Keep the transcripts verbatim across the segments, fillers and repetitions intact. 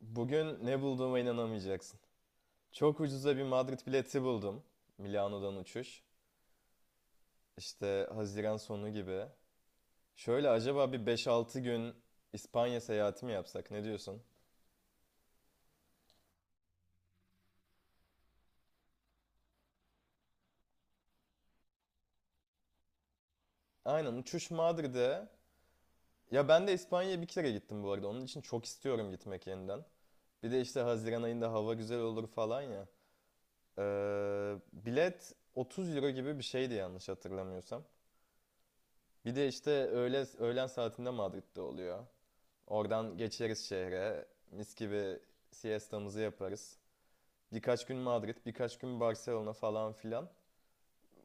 Bugün ne bulduğuma inanamayacaksın. Çok ucuza bir Madrid bileti buldum. Milano'dan uçuş. İşte Haziran sonu gibi. Şöyle acaba bir beş altı gün İspanya seyahati mi yapsak? Ne diyorsun? Aynen uçuş Madrid'e. Ya ben de İspanya'ya bir kere gittim bu arada. Onun için çok istiyorum gitmek yeniden. Bir de işte Haziran ayında hava güzel olur falan ya. Ee, bilet otuz euro gibi bir şeydi yanlış hatırlamıyorsam. Bir de işte öğle, öğlen saatinde Madrid'de oluyor. Oradan geçeriz şehre. Mis gibi siestamızı yaparız. Birkaç gün Madrid, birkaç gün Barcelona falan filan.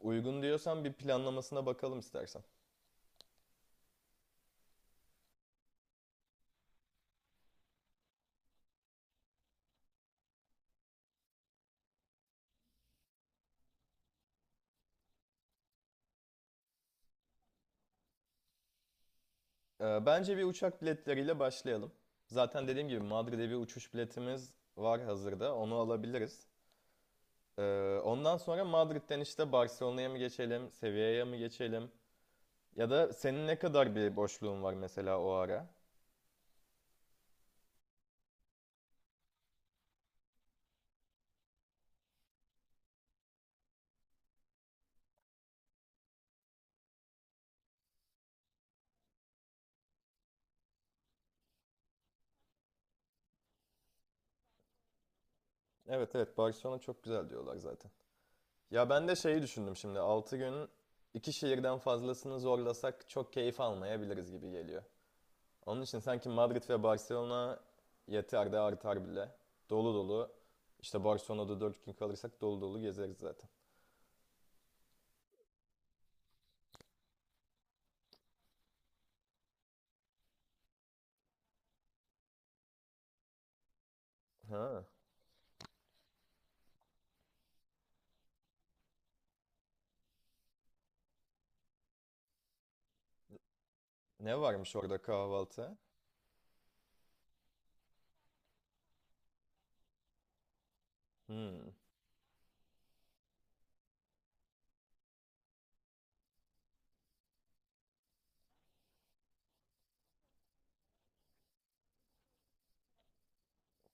Uygun diyorsan bir planlamasına bakalım istersen. Ee, bence bir uçak biletleriyle başlayalım. Zaten dediğim gibi Madrid'e bir uçuş biletimiz var hazırda. Onu alabiliriz. Ee, ondan sonra Madrid'den işte Barcelona'ya mı geçelim, Sevilla'ya mı geçelim? Ya da senin ne kadar bir boşluğun var mesela o ara? Evet evet, Barcelona çok güzel diyorlar zaten. Ya ben de şeyi düşündüm şimdi. Altı gün iki şehirden fazlasını zorlasak çok keyif almayabiliriz gibi geliyor. Onun için sanki Madrid ve Barcelona yeter de artar bile. Dolu dolu. İşte Barcelona'da dört gün kalırsak dolu dolu gezeriz zaten. Ha. Ne varmış orada kahvaltı? Hmm.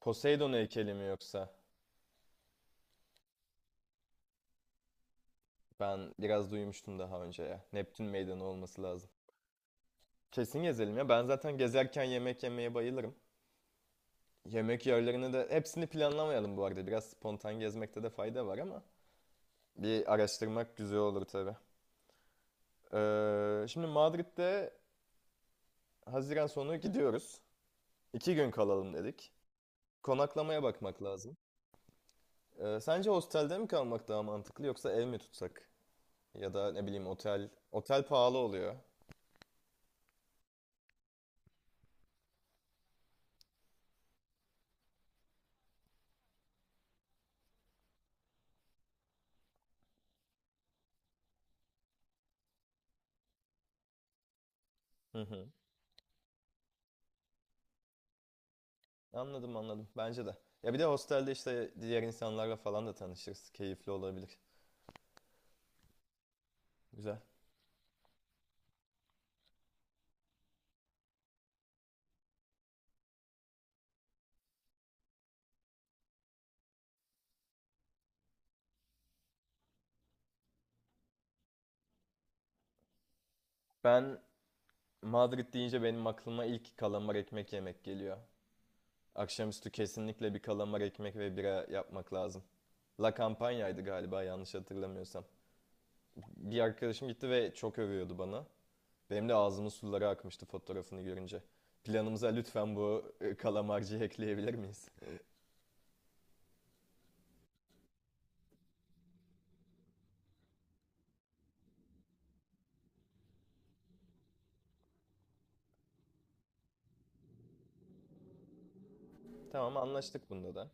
Poseidon heykeli mi yoksa? Ben biraz duymuştum daha önce ya. Neptün meydanı olması lazım. Kesin gezelim ya. Ben zaten gezerken yemek yemeye bayılırım. Yemek yerlerini de hepsini planlamayalım bu arada. Biraz spontan gezmekte de fayda var ama bir araştırmak güzel olur tabii. Ee, şimdi Madrid'de Haziran sonu gidiyoruz. İki gün kalalım dedik. Konaklamaya bakmak lazım. Ee, sence hostelde mi kalmak daha mantıklı yoksa ev mi tutsak? Ya da ne bileyim otel. Otel pahalı oluyor. Hı hı. Anladım anladım. Bence de. Ya bir de hostelde işte diğer insanlarla falan da tanışırız. Keyifli olabilir. Güzel. Ben Madrid deyince benim aklıma ilk kalamar ekmek yemek geliyor. Akşamüstü kesinlikle bir kalamar ekmek ve bira yapmak lazım. La Campaña'ydı galiba yanlış hatırlamıyorsam. Bir arkadaşım gitti ve çok övüyordu bana. Benim de ağzımın suları akmıştı fotoğrafını görünce. Planımıza lütfen bu e, kalamarcıyı ekleyebilir miyiz? Tamam, anlaştık bunda da.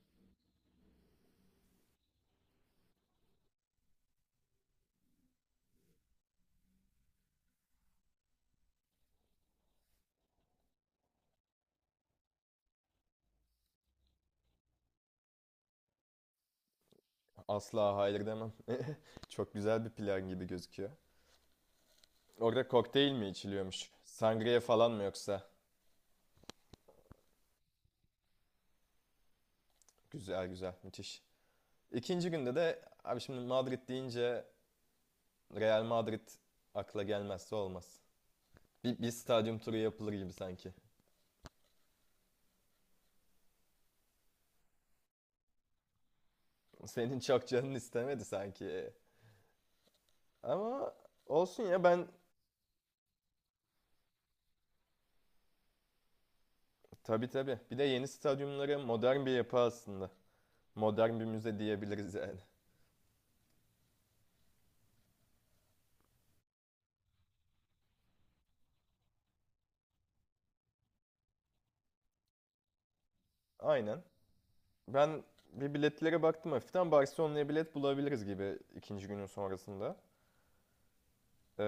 Asla hayır demem. Çok güzel bir plan gibi gözüküyor. Orada kokteyl mi içiliyormuş? Sangria falan mı yoksa? Güzel güzel, müthiş. İkinci günde de abi şimdi Madrid deyince Real Madrid akla gelmezse olmaz. Bir, bir stadyum turu yapılır gibi sanki. Senin çok canın istemedi sanki. Ama olsun ya, ben tabii tabii. Bir de yeni stadyumları modern bir yapı aslında. Modern bir müze diyebiliriz yani. Aynen. Ben bir biletlere baktım hafiften. Barcelona'ya bilet bulabiliriz gibi ikinci günün sonrasında. Ee,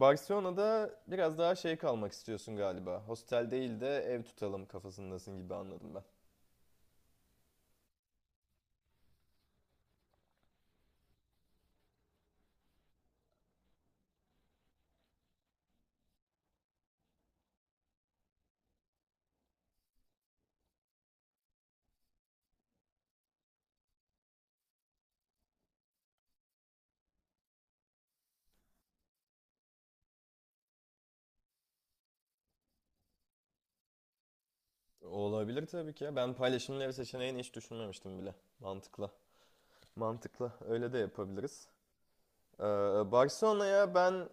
Barcelona'da biraz daha şey kalmak istiyorsun galiba. Hostel değil de ev tutalım kafasındasın gibi anladım ben. Olabilir tabii ki ya. Ben paylaşımlı ev seçeneğini hiç düşünmemiştim bile. Mantıklı. Mantıklı. Öyle de yapabiliriz. Ee, Barcelona'ya ben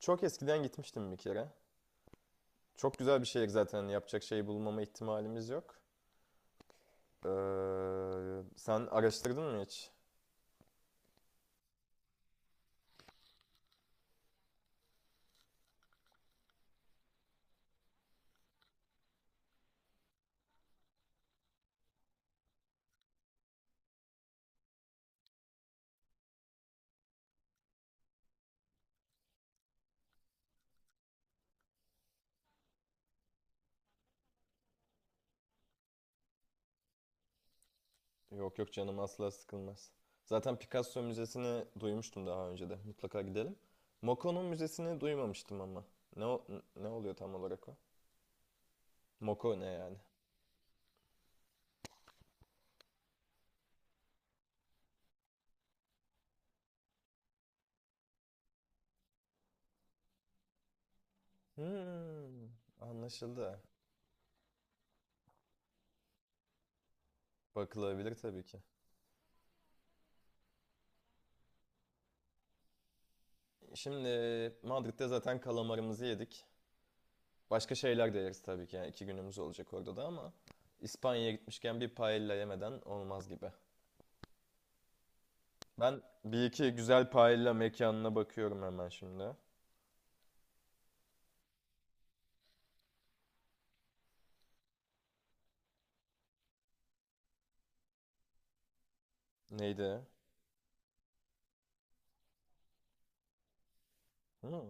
çok eskiden gitmiştim bir kere. Çok güzel bir şehir zaten. Yapacak şey bulmama ihtimalimiz yok. Ee, Sen araştırdın mı hiç? Yok yok, canım asla sıkılmaz. Zaten Picasso Müzesi'ni duymuştum daha önce de. Mutlaka gidelim. Moko'nun müzesini duymamıştım ama. Ne o- Ne oluyor tam olarak o? Moko ne yani? Hmm, anlaşıldı. Bakılabilir tabii ki. Şimdi Madrid'de zaten kalamarımızı yedik. Başka şeyler de yeriz tabii ki. Yani iki günümüz olacak orada da ama İspanya'ya gitmişken bir paella yemeden olmaz gibi. Ben bir iki güzel paella mekanına bakıyorum hemen şimdi. Neydi? Hmm.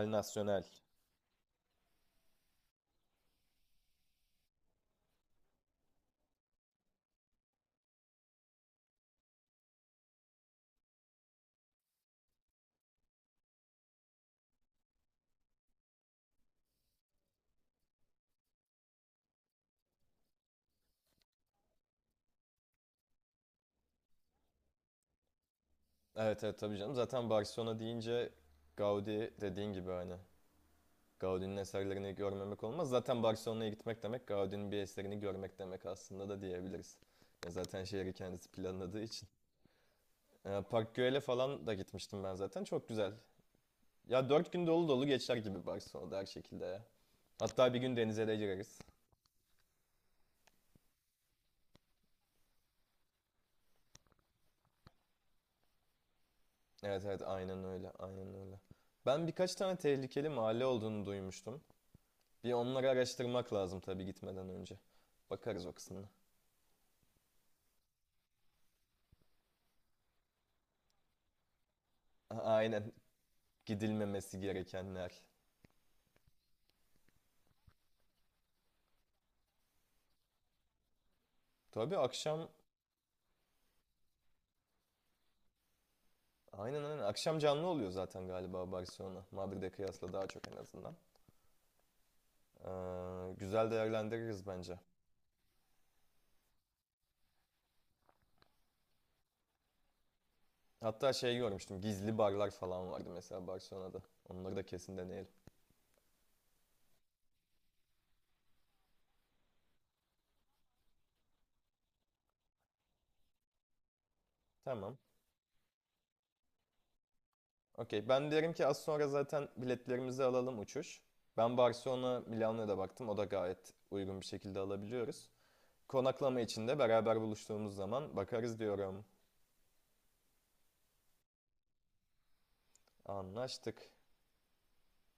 El Nacional. Evet evet, tabii canım. Zaten Barcelona deyince Gaudi dediğin gibi hani. Gaudi'nin eserlerini görmemek olmaz. Zaten Barcelona'ya gitmek demek Gaudi'nin bir eserini görmek demek aslında da diyebiliriz. Ya zaten şehri kendisi planladığı için. Ee, Park Güell'e falan da gitmiştim ben zaten. Çok güzel. Ya dört gün dolu dolu geçer gibi Barcelona'da her şekilde ya. Hatta bir gün denize de gireriz. Evet evet, aynen öyle, aynen öyle. Ben birkaç tane tehlikeli mahalle olduğunu duymuştum. Bir onları araştırmak lazım tabii gitmeden önce. Bakarız o kısmına. Aynen, gidilmemesi gerekenler. Tabii akşam aynen aynen, akşam canlı oluyor zaten galiba Barcelona. Madrid'e kıyasla daha çok en azından. Ee, güzel değerlendiririz bence. Hatta şey görmüştüm, gizli barlar falan vardı mesela Barcelona'da. Onları da kesin deneyelim. Tamam. Okey. Ben derim ki az sonra zaten biletlerimizi alalım uçuş. Ben Barcelona Milano'ya da baktım. O da gayet uygun bir şekilde alabiliyoruz. Konaklama için de beraber buluştuğumuz zaman bakarız diyorum. Anlaştık.